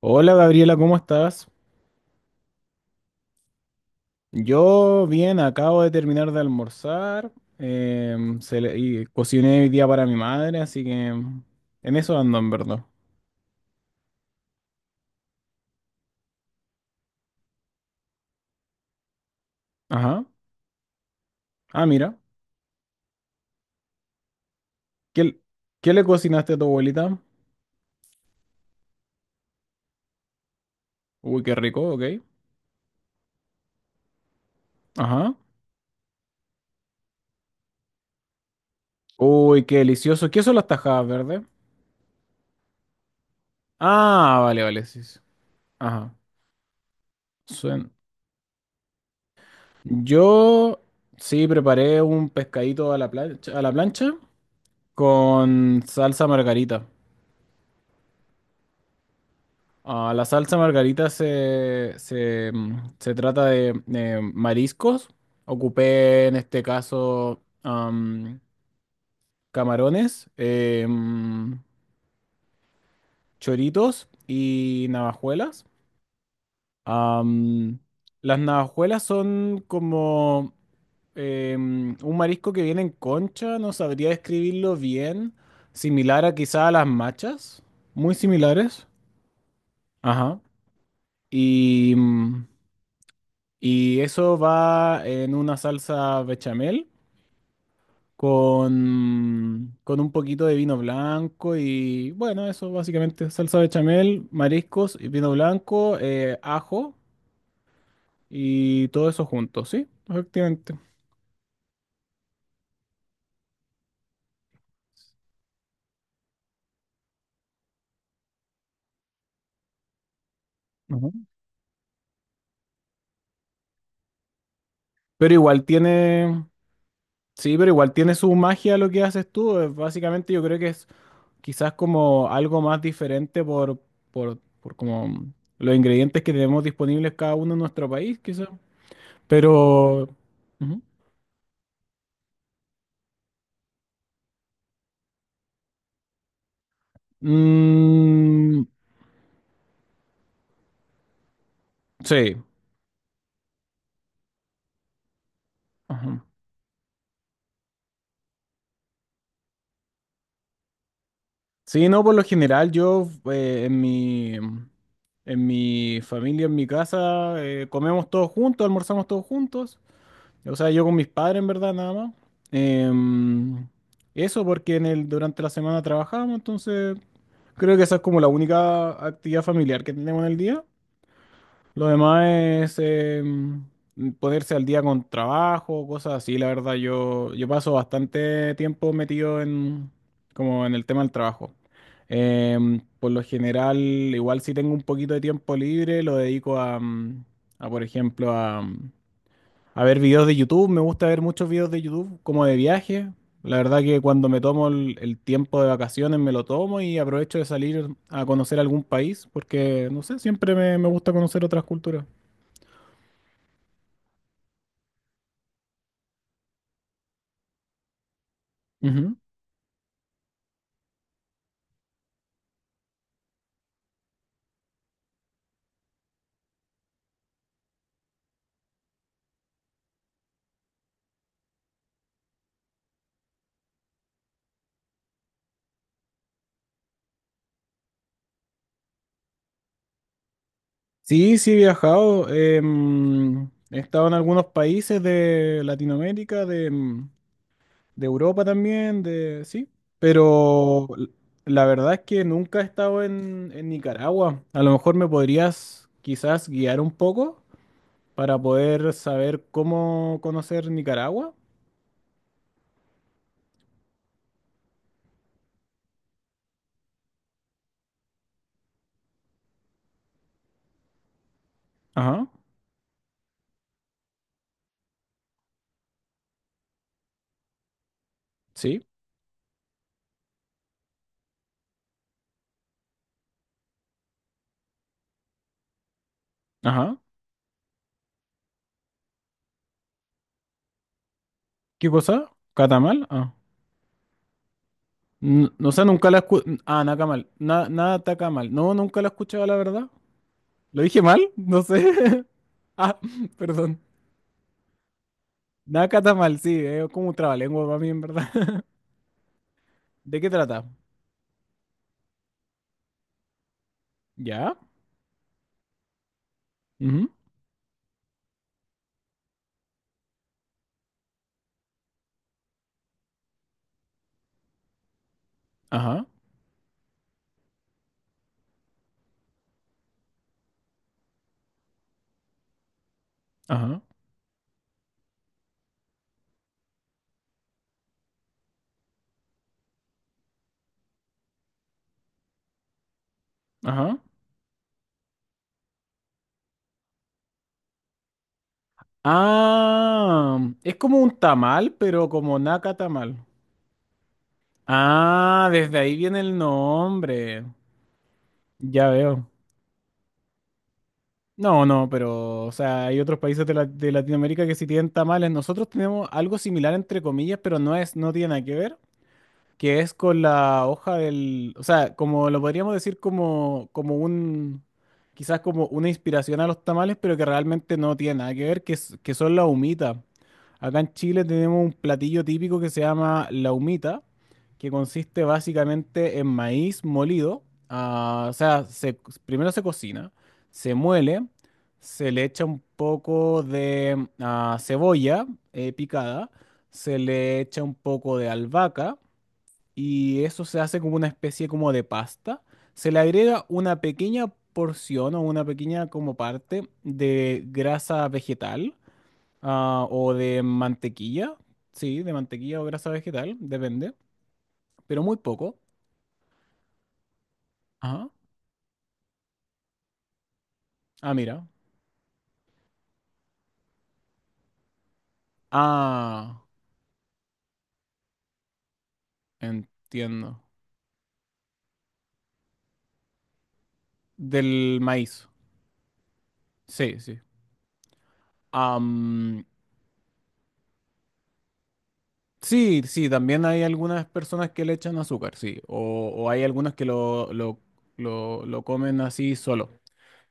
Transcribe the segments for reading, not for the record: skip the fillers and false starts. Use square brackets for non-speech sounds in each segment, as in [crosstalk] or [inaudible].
Hola Gabriela, ¿cómo estás? Yo bien, acabo de terminar de almorzar. Em, se le- y Cociné hoy día para mi madre, así que en eso ando en verdad. Ajá. Ah, mira. ¿Qué, l- Qué le cocinaste a tu abuelita? Uy, qué rico, ok. Ajá. Uy, qué delicioso. ¿Qué son las tajadas verdes? Ah, vale, vale, sí, sí. Ajá. Suen- Yo sí preparé un pescadito a la plancha con salsa margarita. Ah, la salsa margarita se trata de mariscos. Ocupé en este caso camarones, choritos y navajuelas. Am, las navajuelas son como un marisco que viene en concha, no sabría describirlo bien, similar a quizá a las machas, muy similares. Ajá. Y, mm, Y eso va en una salsa bechamel con un poquito de vino blanco y bueno, eso básicamente salsa bechamel, mariscos y vino blanco, ajo y todo eso junto, ¿sí? Efectivamente. Ujú. Pero igual tiene, sí, pero igual tiene su magia lo que haces tú. Básicamente yo creo que es quizás como algo más diferente por como los ingredientes que tenemos disponibles cada uno en nuestro país, quizás. Pero ujú. Mm, sí. Ajá. Sí, no, por lo general yo, en mi familia, en mi casa, comemos todos juntos, almorzamos todos juntos. O sea, yo con mis padres en verdad nada más. Em, Eso porque en el, durante la semana trabajamos, entonces creo que esa es como la única actividad familiar que tenemos en el día. Lo demás es ponerse al día con trabajo, cosas así. La verdad, yo paso bastante tiempo metido en, como en el tema del trabajo. Por lo general, igual si tengo un poquito de tiempo libre, lo dedico por ejemplo, a ver videos de YouTube. Me gusta ver muchos videos de YouTube como de viaje. La verdad que cuando me tomo el tiempo de vacaciones, me lo tomo y aprovecho de salir a conocer algún país, porque, no sé, siempre me gusta conocer otras culturas. Ujú. Sí, sí he viajado. He estado en algunos países de Latinoamérica, de Europa también, de sí. Pero l- la verdad es que nunca he estado en Nicaragua. A lo mejor me podrías quizás guiar un poco para poder saber cómo conocer Nicaragua. Ajá, sí. Ajá. ¿Qué cosa? ¿Catamal? Ah. No, sé, nunca la escuché. Ah, Nacamal. Na, nada Tacamal. No, nunca la he escuchado, la verdad. ¿Lo dije mal? No sé. [laughs] Ah, perdón. Nakata mal, sí, es como un trabalengua para mí, en verdad. ¿De qué trata? ¿Ya? Ujú, ajá, ajá, ajá. Ah, es como un tamal, pero como Nakata mal. Ah, desde ahí viene el nombre. Ya veo. No, no, pero, o sea, hay otros países de Latinoamérica que sí tienen tamales. Nosotros tenemos algo similar, entre comillas, pero no es, no tiene nada que ver. Que es con la hoja del, o sea, como lo podríamos decir como un, quizás como una inspiración a los tamales, pero que realmente no tiene nada que ver, que son las humitas. Acá en Chile tenemos un platillo típico que se llama la humita, que consiste básicamente en maíz molido. ah, o sea, se- Primero se cocina, se muele, se le echa un poco de cebolla picada, se le echa un poco de albahaca y eso se hace como una especie como de pasta. Se le agrega una pequeña porción o una pequeña como parte de grasa vegetal o de mantequilla. Sí, de mantequilla o grasa vegetal, depende, pero muy poco. Ajá. Ah, mira. Ah, entiendo. Del maíz. Sí, sí. Am, sí, sí, también hay algunas personas que le echan azúcar, sí. O hay algunos que lo comen así solo.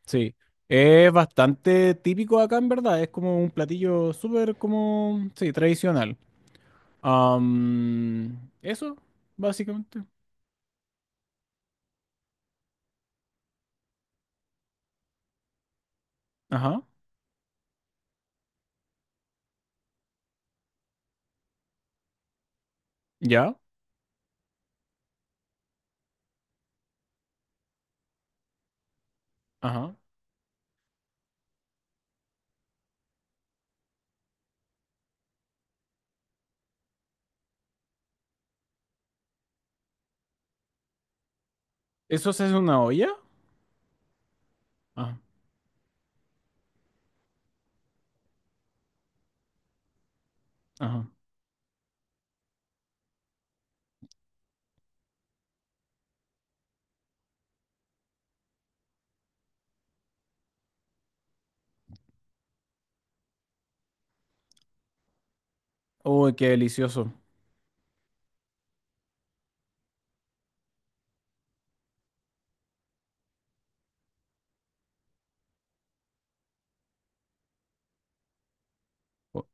Sí, es bastante típico acá en verdad, es como un platillo súper como, sí, tradicional. Eso, básicamente. Ajá, ya, ajá. ¿Eso se hace en una olla? Ajá, ajá. Uy, qué delicioso. Oh,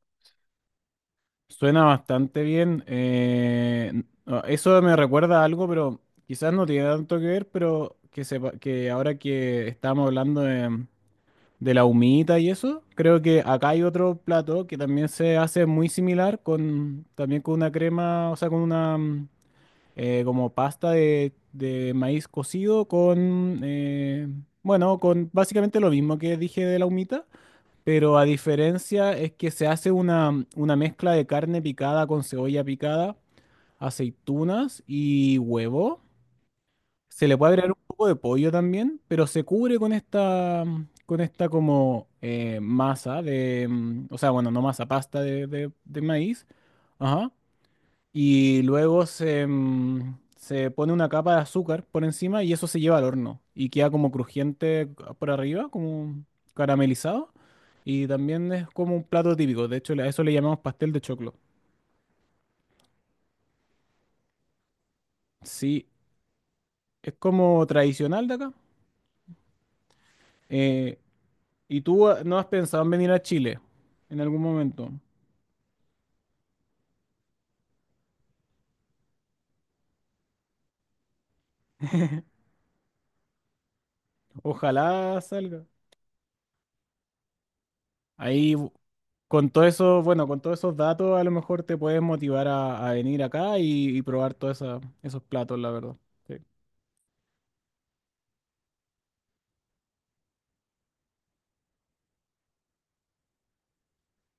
suena bastante bien. Eso me recuerda a algo, pero quizás no tiene tanto que ver, pero que sepa, que ahora que estábamos hablando de la humita y eso. Creo que acá hay otro plato que también se hace muy similar con también con una crema, o sea, con una como pasta de maíz cocido con bueno, con básicamente lo mismo que dije de la humita, pero a diferencia es que se hace una mezcla de carne picada con cebolla picada, aceitunas y huevo. Se le puede agregar un poco de pollo también, pero se cubre con esta, con esta como masa o sea, bueno, no masa, pasta de maíz. Ajá. Y luego se pone una capa de azúcar por encima y eso se lleva al horno y queda como crujiente por arriba, como caramelizado. Y también es como un plato típico, de hecho a eso le llamamos pastel de choclo. Sí, es como tradicional de acá. eh, ¿Y tú no has pensado en venir a Chile en algún momento? Ojalá salga. Ahí, bu- con todo eso, bueno, con todos esos datos, a lo mejor te puedes motivar a venir acá y probar todos esos platos, la verdad. Sí.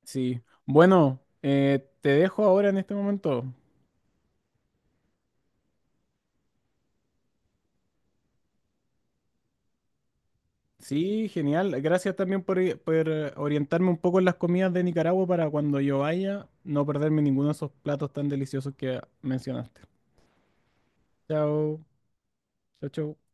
Sí. Bueno, te dejo ahora en este momento. Sí, genial. Gracias también por orientarme un poco en las comidas de Nicaragua para cuando yo vaya no perderme ninguno de esos platos tan deliciosos que mencionaste. Chao, chao, chao.